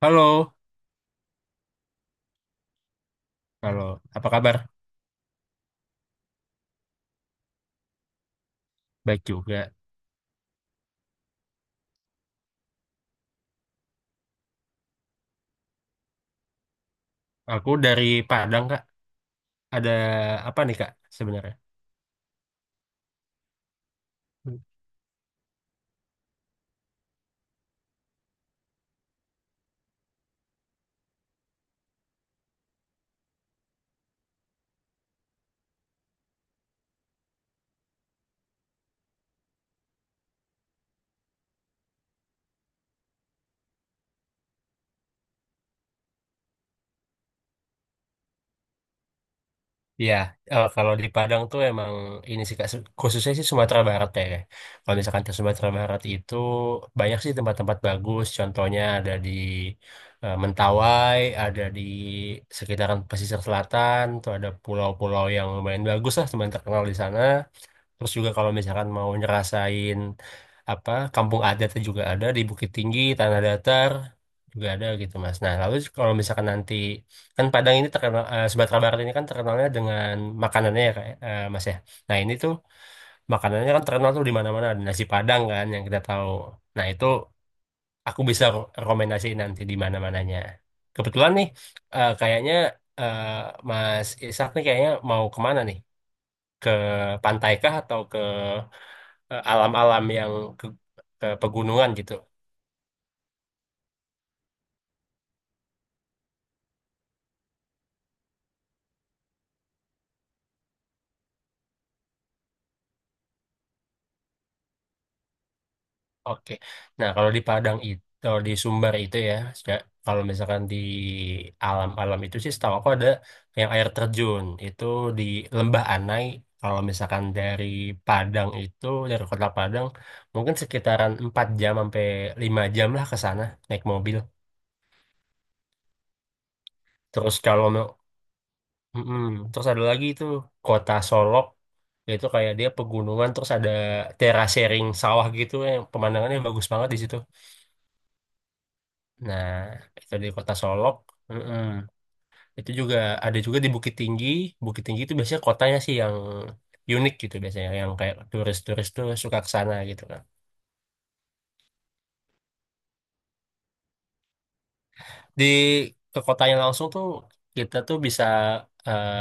Halo, halo. Apa kabar? Baik juga. Aku dari Padang, Kak. Ada apa nih, Kak, sebenarnya? Hmm. Iya, kalau di Padang tuh emang ini sih, Kak, khususnya sih Sumatera Barat ya. Kak. Kalau misalkan ke Sumatera Barat itu banyak sih tempat-tempat bagus. Contohnya ada di Mentawai, ada di sekitaran pesisir selatan, tuh ada pulau-pulau yang lumayan bagus lah, teman terkenal di sana. Terus juga kalau misalkan mau ngerasain apa kampung adatnya juga ada di Bukit Tinggi, Tanah Datar juga ada gitu Mas. Nah, lalu kalau misalkan nanti kan Padang ini terkenal Sumatera Barat ini kan terkenalnya dengan makanannya ya kayak Mas ya. Nah, ini tuh makanannya kan terkenal tuh di mana-mana ada nasi Padang kan yang kita tahu. Nah, itu aku bisa rekomendasiin nanti di mana-mananya. Kebetulan nih kayaknya eh, Mas Ishak nih kayaknya mau kemana nih? Ke pantai kah atau ke alam-alam yang ke, ke pegunungan gitu. Oke. Nah, kalau di Padang itu, kalau di Sumber itu ya, kalau misalkan di alam-alam itu sih setahu aku ada yang air terjun itu di Lembah Anai. Kalau misalkan dari Padang itu, dari kota Padang, mungkin sekitaran 4 jam sampai 5 jam lah ke sana naik mobil. Terus kalau Mm-mm. Terus ada lagi itu kota Solok, yaitu kayak dia pegunungan terus ada terasering sawah gitu yang pemandangannya bagus banget di situ. Nah, itu di kota Solok. Mm-mm. Itu juga ada juga di Bukit Tinggi. Bukit Tinggi itu biasanya kotanya sih yang unik gitu biasanya, yang kayak turis-turis tuh suka ke sana gitu kan. Di ke kotanya langsung tuh kita tuh bisa eh,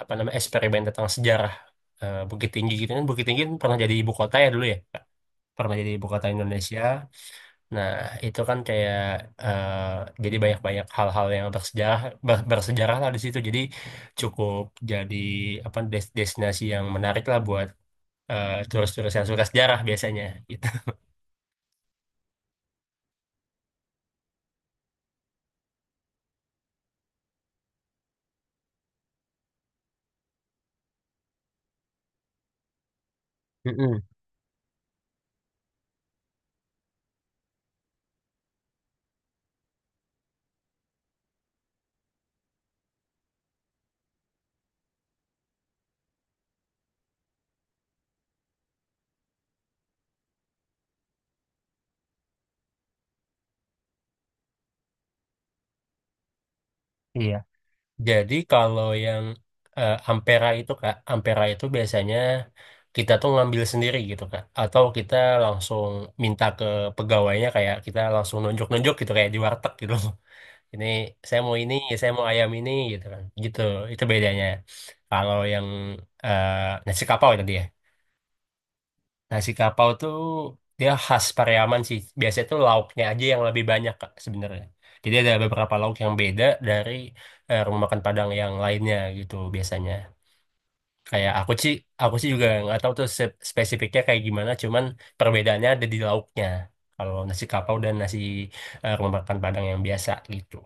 apa namanya eksperimen tentang sejarah Bukit Tinggi gitu kan. Bukit Tinggi kan pernah jadi ibu kota ya dulu ya. Pernah jadi ibu kota Indonesia. Nah, itu kan kayak jadi banyak-banyak hal-hal yang bersejarah bersejarah lah di situ. Jadi cukup jadi apa destinasi yang menarik lah buat turis-turis yang suka sejarah biasanya gitu. Mm-mm. Iya. Jadi kalau yang Ampera itu Kak, Ampera itu biasanya kita tuh ngambil sendiri gitu Kak atau kita langsung minta ke pegawainya kayak kita langsung nunjuk-nunjuk gitu kayak di warteg gitu. Ini saya mau saya mau ayam ini gitu kan gitu itu bedanya kalau yang eh, nasi kapau tadi ya nasi kapau tuh dia khas Pariaman sih biasanya tuh lauknya aja yang lebih banyak Kak, sebenarnya jadi ada beberapa lauk yang beda dari rumah makan Padang yang lainnya gitu biasanya kayak aku sih juga nggak tahu tuh spesifiknya kayak gimana cuman perbedaannya ada di lauknya kalau nasi kapau dan nasi rumah makan Padang yang biasa gitu.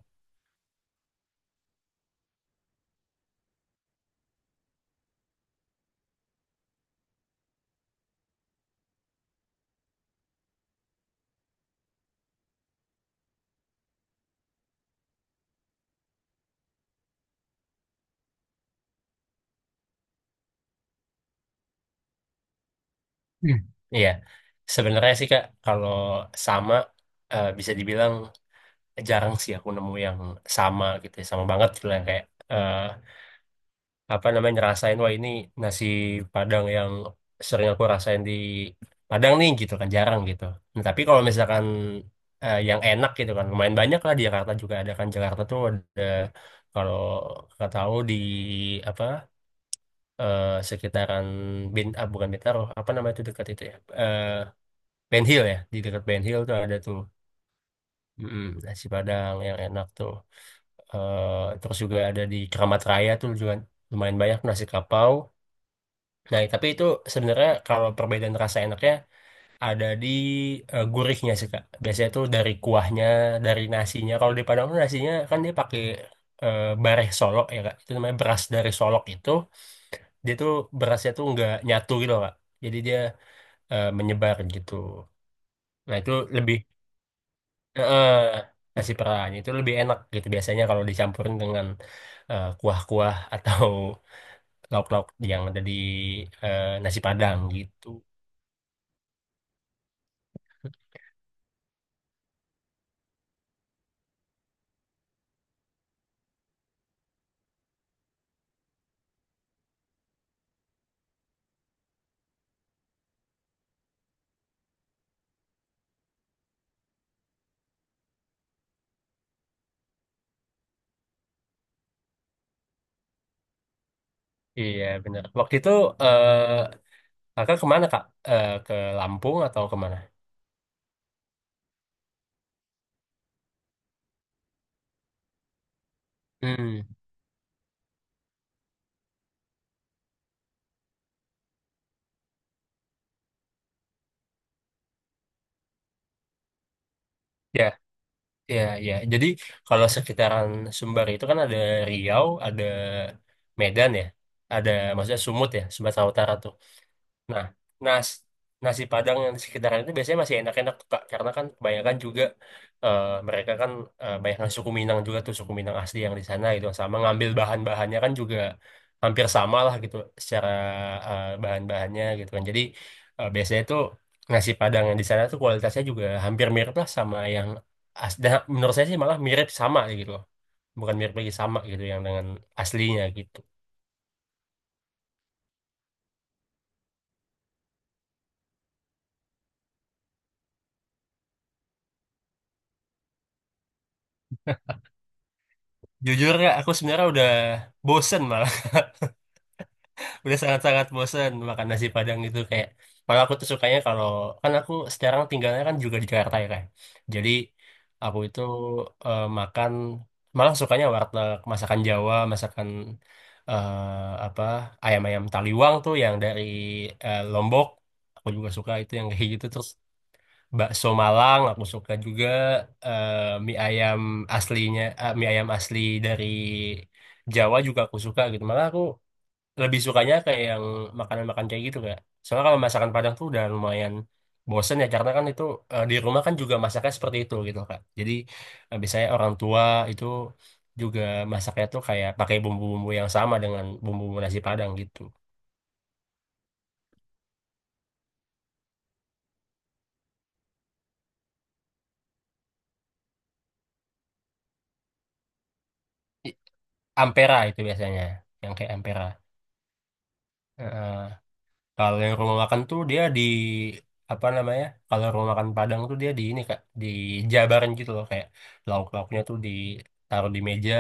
Hmm, iya, sebenarnya sih Kak, kalau sama bisa dibilang jarang sih aku nemu yang sama gitu, ya. Sama banget gitu yang kayak eh, apa namanya ngerasain wah ini nasi Padang yang sering aku rasain di Padang nih gitu kan jarang gitu. Nah, tapi kalau misalkan yang enak gitu kan lumayan banyak lah di Jakarta juga ada kan Jakarta tuh ada kalau nggak tahu di apa sekitaran bukan Bintaro apa namanya itu dekat itu ya Ben Hill ya di dekat Ben Hill tuh ada tuh. Mm-mm, nasi Padang yang enak tuh. Eh, terus juga ada di Keramat Raya tuh juga lumayan banyak nasi kapau nah tapi itu sebenarnya kalau perbedaan rasa enaknya ada di gurihnya sih Kak biasanya tuh dari kuahnya dari nasinya kalau di Padang tuh nasinya kan dia pakai bareh solok ya Kak itu namanya beras dari solok itu dia tuh berasnya tuh nggak nyatu gitu Kak jadi dia menyebar gitu nah itu lebih eh nasi perahnya itu lebih enak gitu biasanya kalau dicampurin dengan kuah-kuah atau lauk-lauk yang ada di nasi Padang gitu. Iya benar. Waktu itu eh kakak kemana kak? Eh, ke Lampung atau kemana? Hmm, ya, ya, ya. Jadi kalau sekitaran Sumbar itu kan ada Riau, ada Medan ya, ada maksudnya Sumut ya, Sumatera Utara tuh. Nah, nas nasi Padang yang di sekitaran itu biasanya masih enak-enak tuh, Kak. Karena kan kebanyakan juga mereka kan banyak yang suku Minang juga tuh, suku Minang asli yang di sana gitu. Sama ngambil bahan-bahannya kan juga hampir sama lah gitu secara bahan-bahannya gitu kan. Jadi biasanya tuh nasi Padang yang di sana tuh kualitasnya juga hampir mirip lah sama yang dan menurut saya sih malah mirip sama gitu loh. Bukan mirip lagi sama gitu yang dengan aslinya gitu. Jujur ya, aku sebenarnya udah bosen malah udah sangat-sangat bosen makan nasi Padang itu kayak kalau aku tuh sukanya kalau kan aku sekarang tinggalnya kan juga di Jakarta ya kan jadi aku itu makan malah sukanya warteg masakan Jawa masakan apa ayam-ayam Taliwang tuh yang dari Lombok aku juga suka itu yang kayak gitu terus bakso Malang aku suka juga eh, mie ayam aslinya mie ayam asli dari Jawa juga aku suka gitu malah aku lebih sukanya kayak yang makanan-makanan kayak gitu kak. Soalnya kalau masakan Padang tuh udah lumayan bosen ya karena kan itu di rumah kan juga masaknya seperti itu gitu kak. Jadi biasanya orang tua itu juga masaknya tuh kayak pakai bumbu-bumbu yang sama dengan bumbu nasi Padang gitu. I- Ampera itu biasanya yang kayak ampera. Kalau yang rumah makan tuh dia di apa namanya? Kalau rumah makan Padang tuh dia di ini Kak, di dijabarin gitu loh kayak lauk-lauknya tuh ditaruh di meja.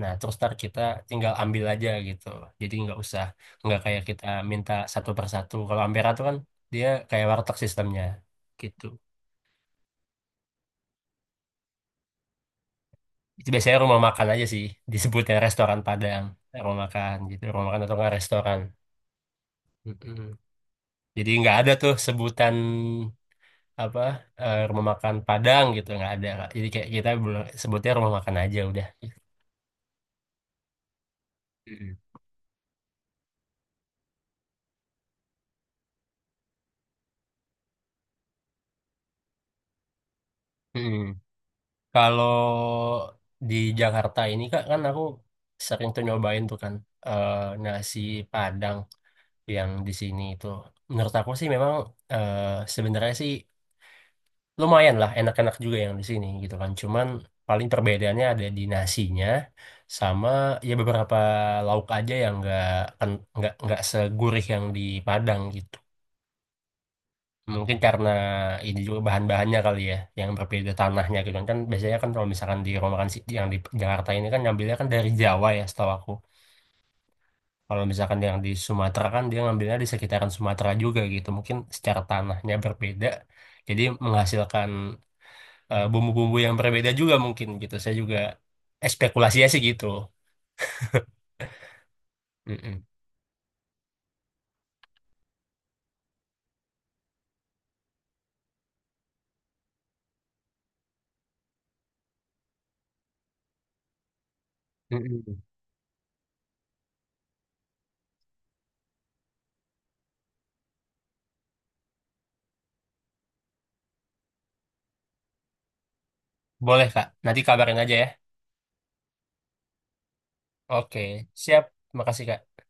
Nah, terus ntar kita tinggal ambil aja gitu. Jadi nggak usah nggak kayak kita minta satu persatu. Kalau Ampera tuh kan dia kayak warteg sistemnya gitu. Itu biasanya rumah makan aja sih disebutnya restoran Padang, rumah makan gitu, rumah makan atau nggak restoran. Mm-mm. Jadi nggak ada tuh sebutan apa rumah makan Padang gitu nggak ada Kak. Jadi kayak kita sebutnya rumah makan aja udah. Mm-mm. Kalau di Jakarta ini Kak kan aku sering tuh nyobain tuh kan eh, nasi Padang yang di sini itu. Menurut aku sih memang eh, sebenarnya sih lumayan lah enak-enak juga yang di sini gitu kan. Cuman paling perbedaannya ada di nasinya sama ya beberapa lauk aja yang nggak segurih yang di Padang gitu. Mungkin karena ini juga bahan-bahannya kali ya, yang berbeda tanahnya gitu kan. Kan biasanya kan kalau misalkan di rumah makan yang di Jakarta ini kan ngambilnya kan dari Jawa ya setahu aku. Kalau misalkan yang di Sumatera kan dia ngambilnya di sekitaran Sumatera juga gitu. Mungkin secara tanahnya berbeda, jadi menghasilkan bumbu-bumbu yang berbeda juga mungkin gitu. Saya juga spekulasinya sih gitu. Mm-mm. Mm-mm. Boleh Kak, nanti kabarin aja ya. Oke, siap. Makasih Kak.